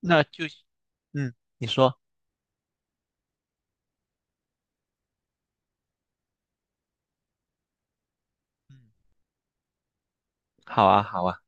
那就。嗯，你说。嗯，好啊，好啊。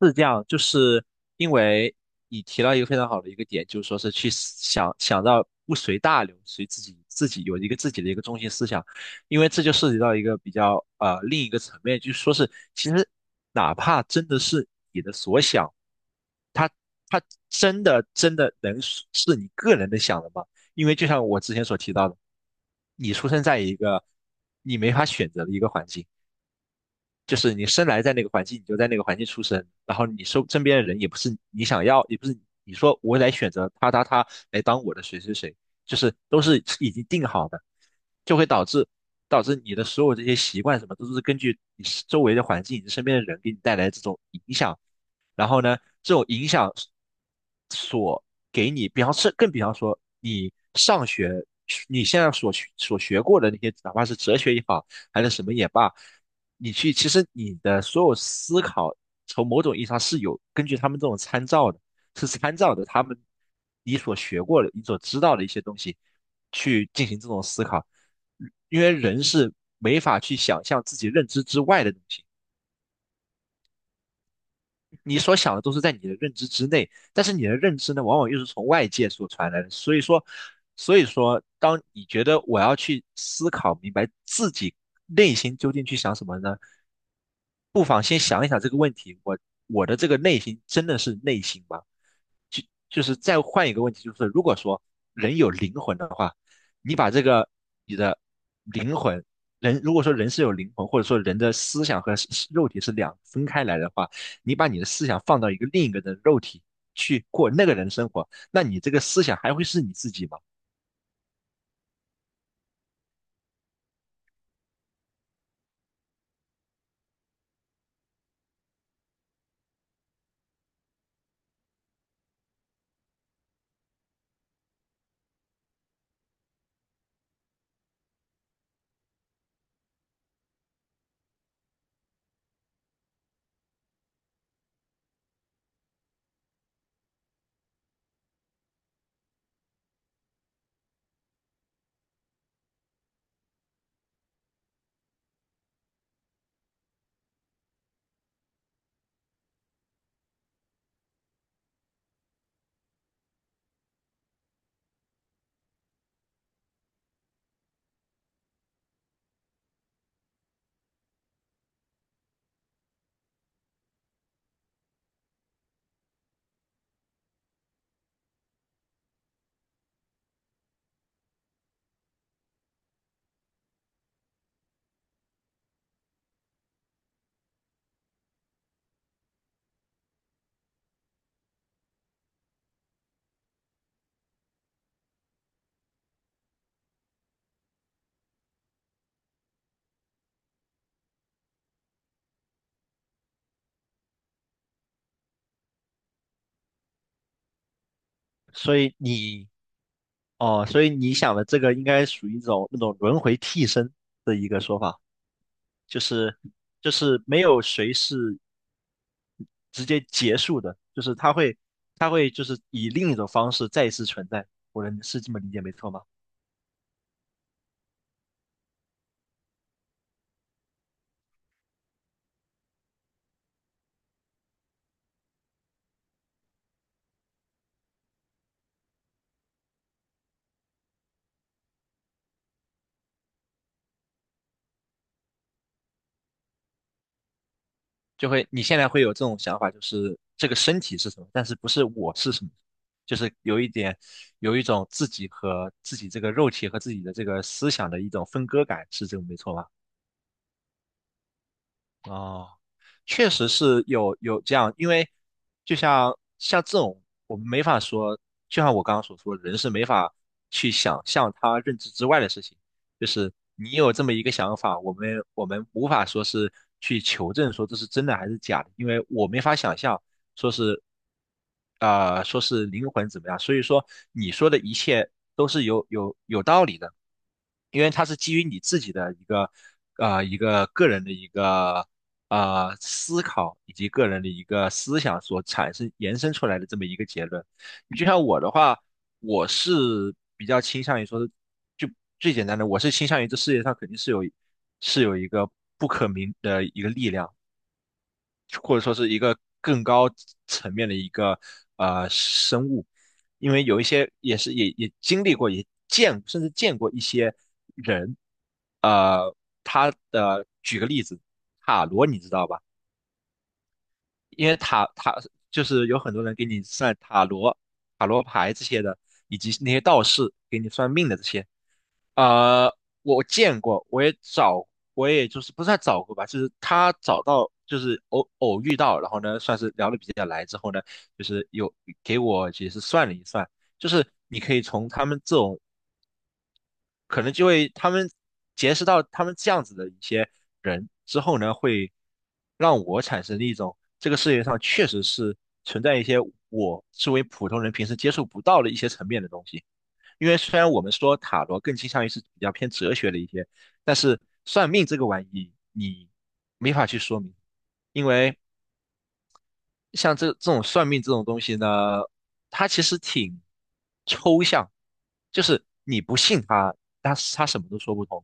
是这样，就是因为你提到一个非常好的一个点，就是说是去想到不随大流，随自己有一个自己的一个中心思想，因为这就涉及到一个比较另一个层面，就是说是其实哪怕真的是你的所想，它它真的真的能是你个人的想的吗？因为就像我之前所提到的，你出生在一个你没法选择的一个环境。就是你生来在那个环境，你就在那个环境出生，然后你身边的人也不是你想要，也不是你说我来选择他来当我的谁谁谁，就是都是已经定好的，就会导致你的所有这些习惯什么都是根据你周围的环境、你身边的人给你带来这种影响，然后呢，这种影响给你，比方说你上学，你现在所学过的那些，哪怕是哲学也好，还是什么也罢，其实你的所有思考，从某种意义上是有根据他们这种参照的，是参照的他们你所学过的、你所知道的一些东西去进行这种思考，因为人是没法去想象自己认知之外的东西。你所想的都是在你的认知之内，但是你的认知呢，往往又是从外界所传来的。所以说，当你觉得我要去思考明白自己内心究竟去想什么呢，不妨先想一想这个问题：我的这个内心真的是内心吗？就就是再换一个问题，就是如果说人有灵魂的话，你把这个你的灵魂。人如果说人是有灵魂，或者说人的思想和是肉体是两分开来的话，你把你的思想放到另一个人的肉体去过那个人生活，那你这个思想还会是你自己吗？所以你哦，所以你想的这个应该属于一种那种轮回替身的一个说法，就是没有谁是直接结束的，就是他会就是以另一种方式再一次存在。我能是这么理解没错吗？你现在会有这种想法，就是这个身体是什么，但是不是我是什么，就是有一种自己和自己这个肉体和自己的这个思想的一种分割感，是这个没错吧？哦，确实是有这样，因为就像这种，我们没法说，就像我刚刚所说，人是没法去想象他认知之外的事情。就是你有这么一个想法，我们无法说是去求证说这是真的还是假的，因为我没法想象说是说是灵魂怎么样。所以说你说的一切都是有道理的。因为它是基于你自己的一个个人的一个思考以及个人的一个思想所产生延伸出来的这么一个结论。你就像我的话，我是比较倾向于说，就最简单的，我是倾向于这世界上肯定是有一个不可名的一个力量，或者说是一个更高层面的一个生物，因为有一些也经历过，甚至见过一些人，呃，举个例子，塔罗你知道吧？因为就是有很多人给你算塔罗、塔罗牌这些的，以及那些道士给你算命的这些，呃，我见过，我也就是不算找过吧，就是他找到，就是偶遇到，然后呢，算是聊得比较来之后呢，就是有给我也是算了一算，就是你可以从他们这种可能就会他们结识到他们这样子的一些人之后呢，会让我产生一种这个世界上确实是存在一些我作为普通人平时接触不到的一些层面的东西。因为虽然我们说塔罗更倾向于是比较偏哲学的一些，但是算命这个玩意你没法去说明，因为像这种算命这种东西呢，它其实挺抽象，就是你不信它，它什么都说不通；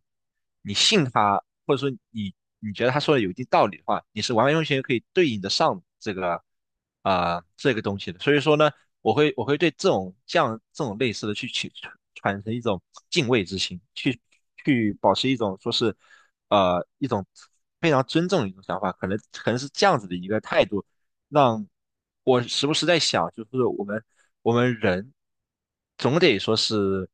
你信它，或者说你觉得他说的有一定道理的话，你是完完全全可以对应得上这个东西的。所以说呢，我会对这种类似的去产生一种敬畏之心，去保持一种说是一种非常尊重的一种想法，可能是这样子的一个态度。让我时不时在想，就是我们人总得说是，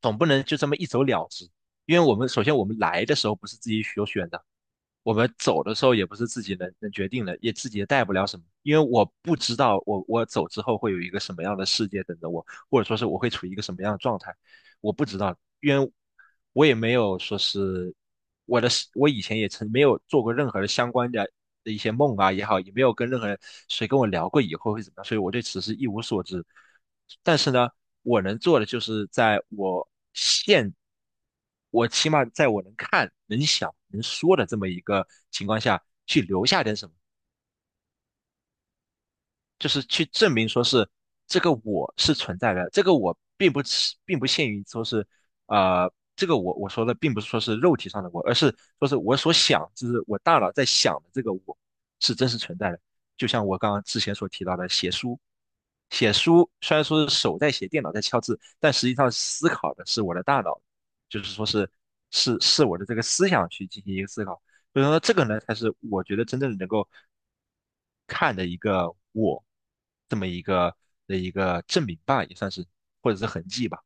总不能就这么一走了之，因为首先我们来的时候不是自己所选的，我们走的时候也不是自己能决定的，也自己也带不了什么，因为我不知道我走之后会有一个什么样的世界等着我，或者说是我会处于一个什么样的状态。我不知道，因为我也没有说是我的，我以前也曾没有做过任何的相关的一些梦啊也好，也没有跟任何人谁跟我聊过以后会怎么样，所以我对此事一无所知。但是呢，我能做的就是在我现，我起码在我能看、能想、能说的这么一个情况下去留下点什么。就是去证明说是这个我是存在的，这个我并不限于说是这个我说的并不是说是肉体上的我，而是说是我所想，就是我大脑在想的这个我是真实存在的。就像我刚刚之前所提到的写书，写书虽然说是手在写，电脑在敲字，但实际上思考的是我的大脑，就是说是是我的这个思想去进行一个思考。所以说这个呢，才是我觉得真正能够看的一个我这么一个的一个证明吧，也算是或者是痕迹吧。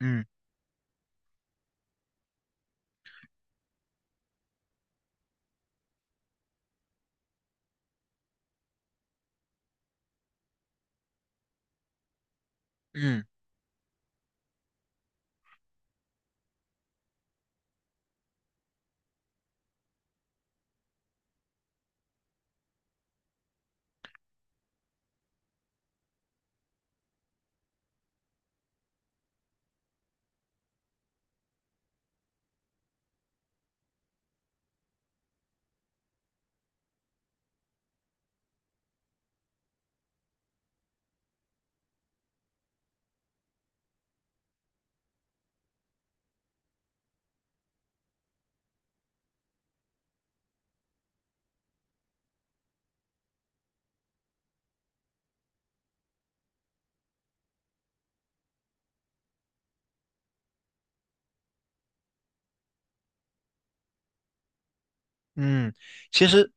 嗯嗯嗯，其实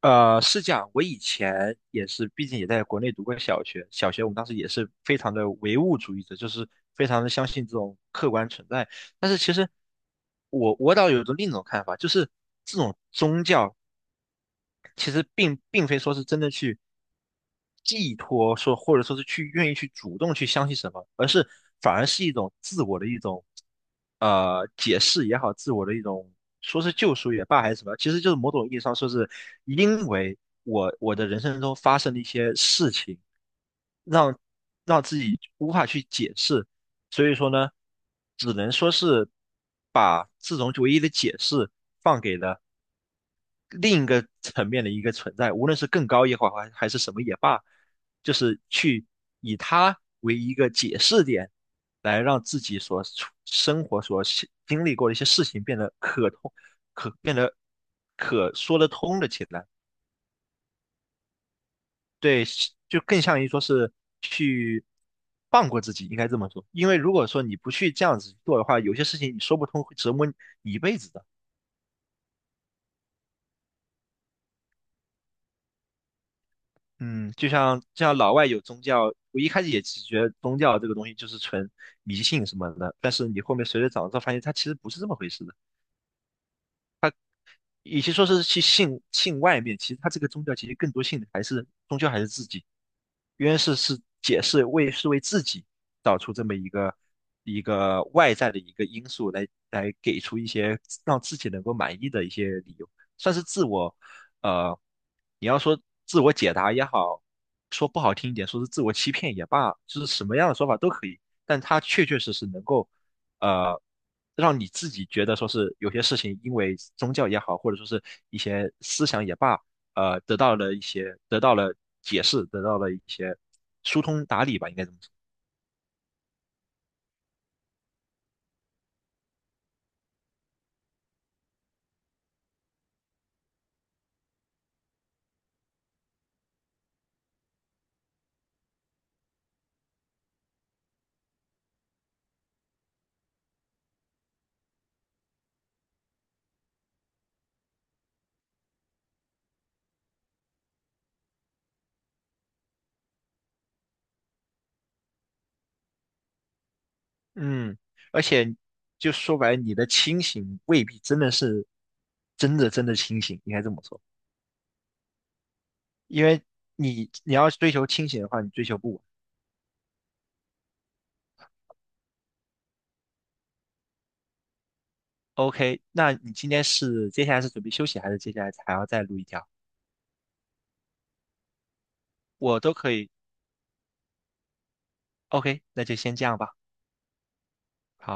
是这样，我以前也是，毕竟也在国内读过小学，小学我们当时也是非常的唯物主义者，就是非常的相信这种客观存在。但是其实我倒有一种另一种看法，就是这种宗教其实并非说是真的去寄托说，或者说是去愿意去主动去相信什么，反而是一种自我的一种解释也好，自我的一种说是救赎也罢，还是什么，其实就是某种意义上说是因为我的人生中发生的一些事情，让让自己无法去解释，所以说呢，只能说是把这种唯一的解释放给了另一个层面的一个存在，无论是更高也好，还是什么也罢，就是去以它为一个解释点，来让自己所处生活所经历过的一些事情变得可通、可变得可说得通了起来。对，是就更像于说是去放过自己，应该这么说。因为如果说你不去这样子做的话，有些事情你说不通，会折磨你一辈子。嗯，就像老外有宗教，我一开始也只觉得宗教这个东西就是纯迷信什么的，但是你后面随着长大发现，它其实不是这么回事的。与其说是去信外面，其实他这个宗教其实更多信的还是终究还是自己。约是解释为是为自己找出这么一个外在的一个因素来给出一些让自己能够满意的一些理由，算是自我呃，你要说自我解答也好，说不好听一点，说是自我欺骗也罢，就是什么样的说法都可以，但他确确实实能够呃，让你自己觉得说是有些事情，因为宗教也好，或者说是一些思想也罢，得到了解释，得到了一些疏通打理吧，应该这么说。嗯，而且就说白了，你的清醒未必真的是真的真的清醒，应该这么说，因为你要追求清醒的话，你追求不稳。OK，那你今天接下来是准备休息，还是接下来还要再录一条？我都可以。OK，那就先这样吧。好。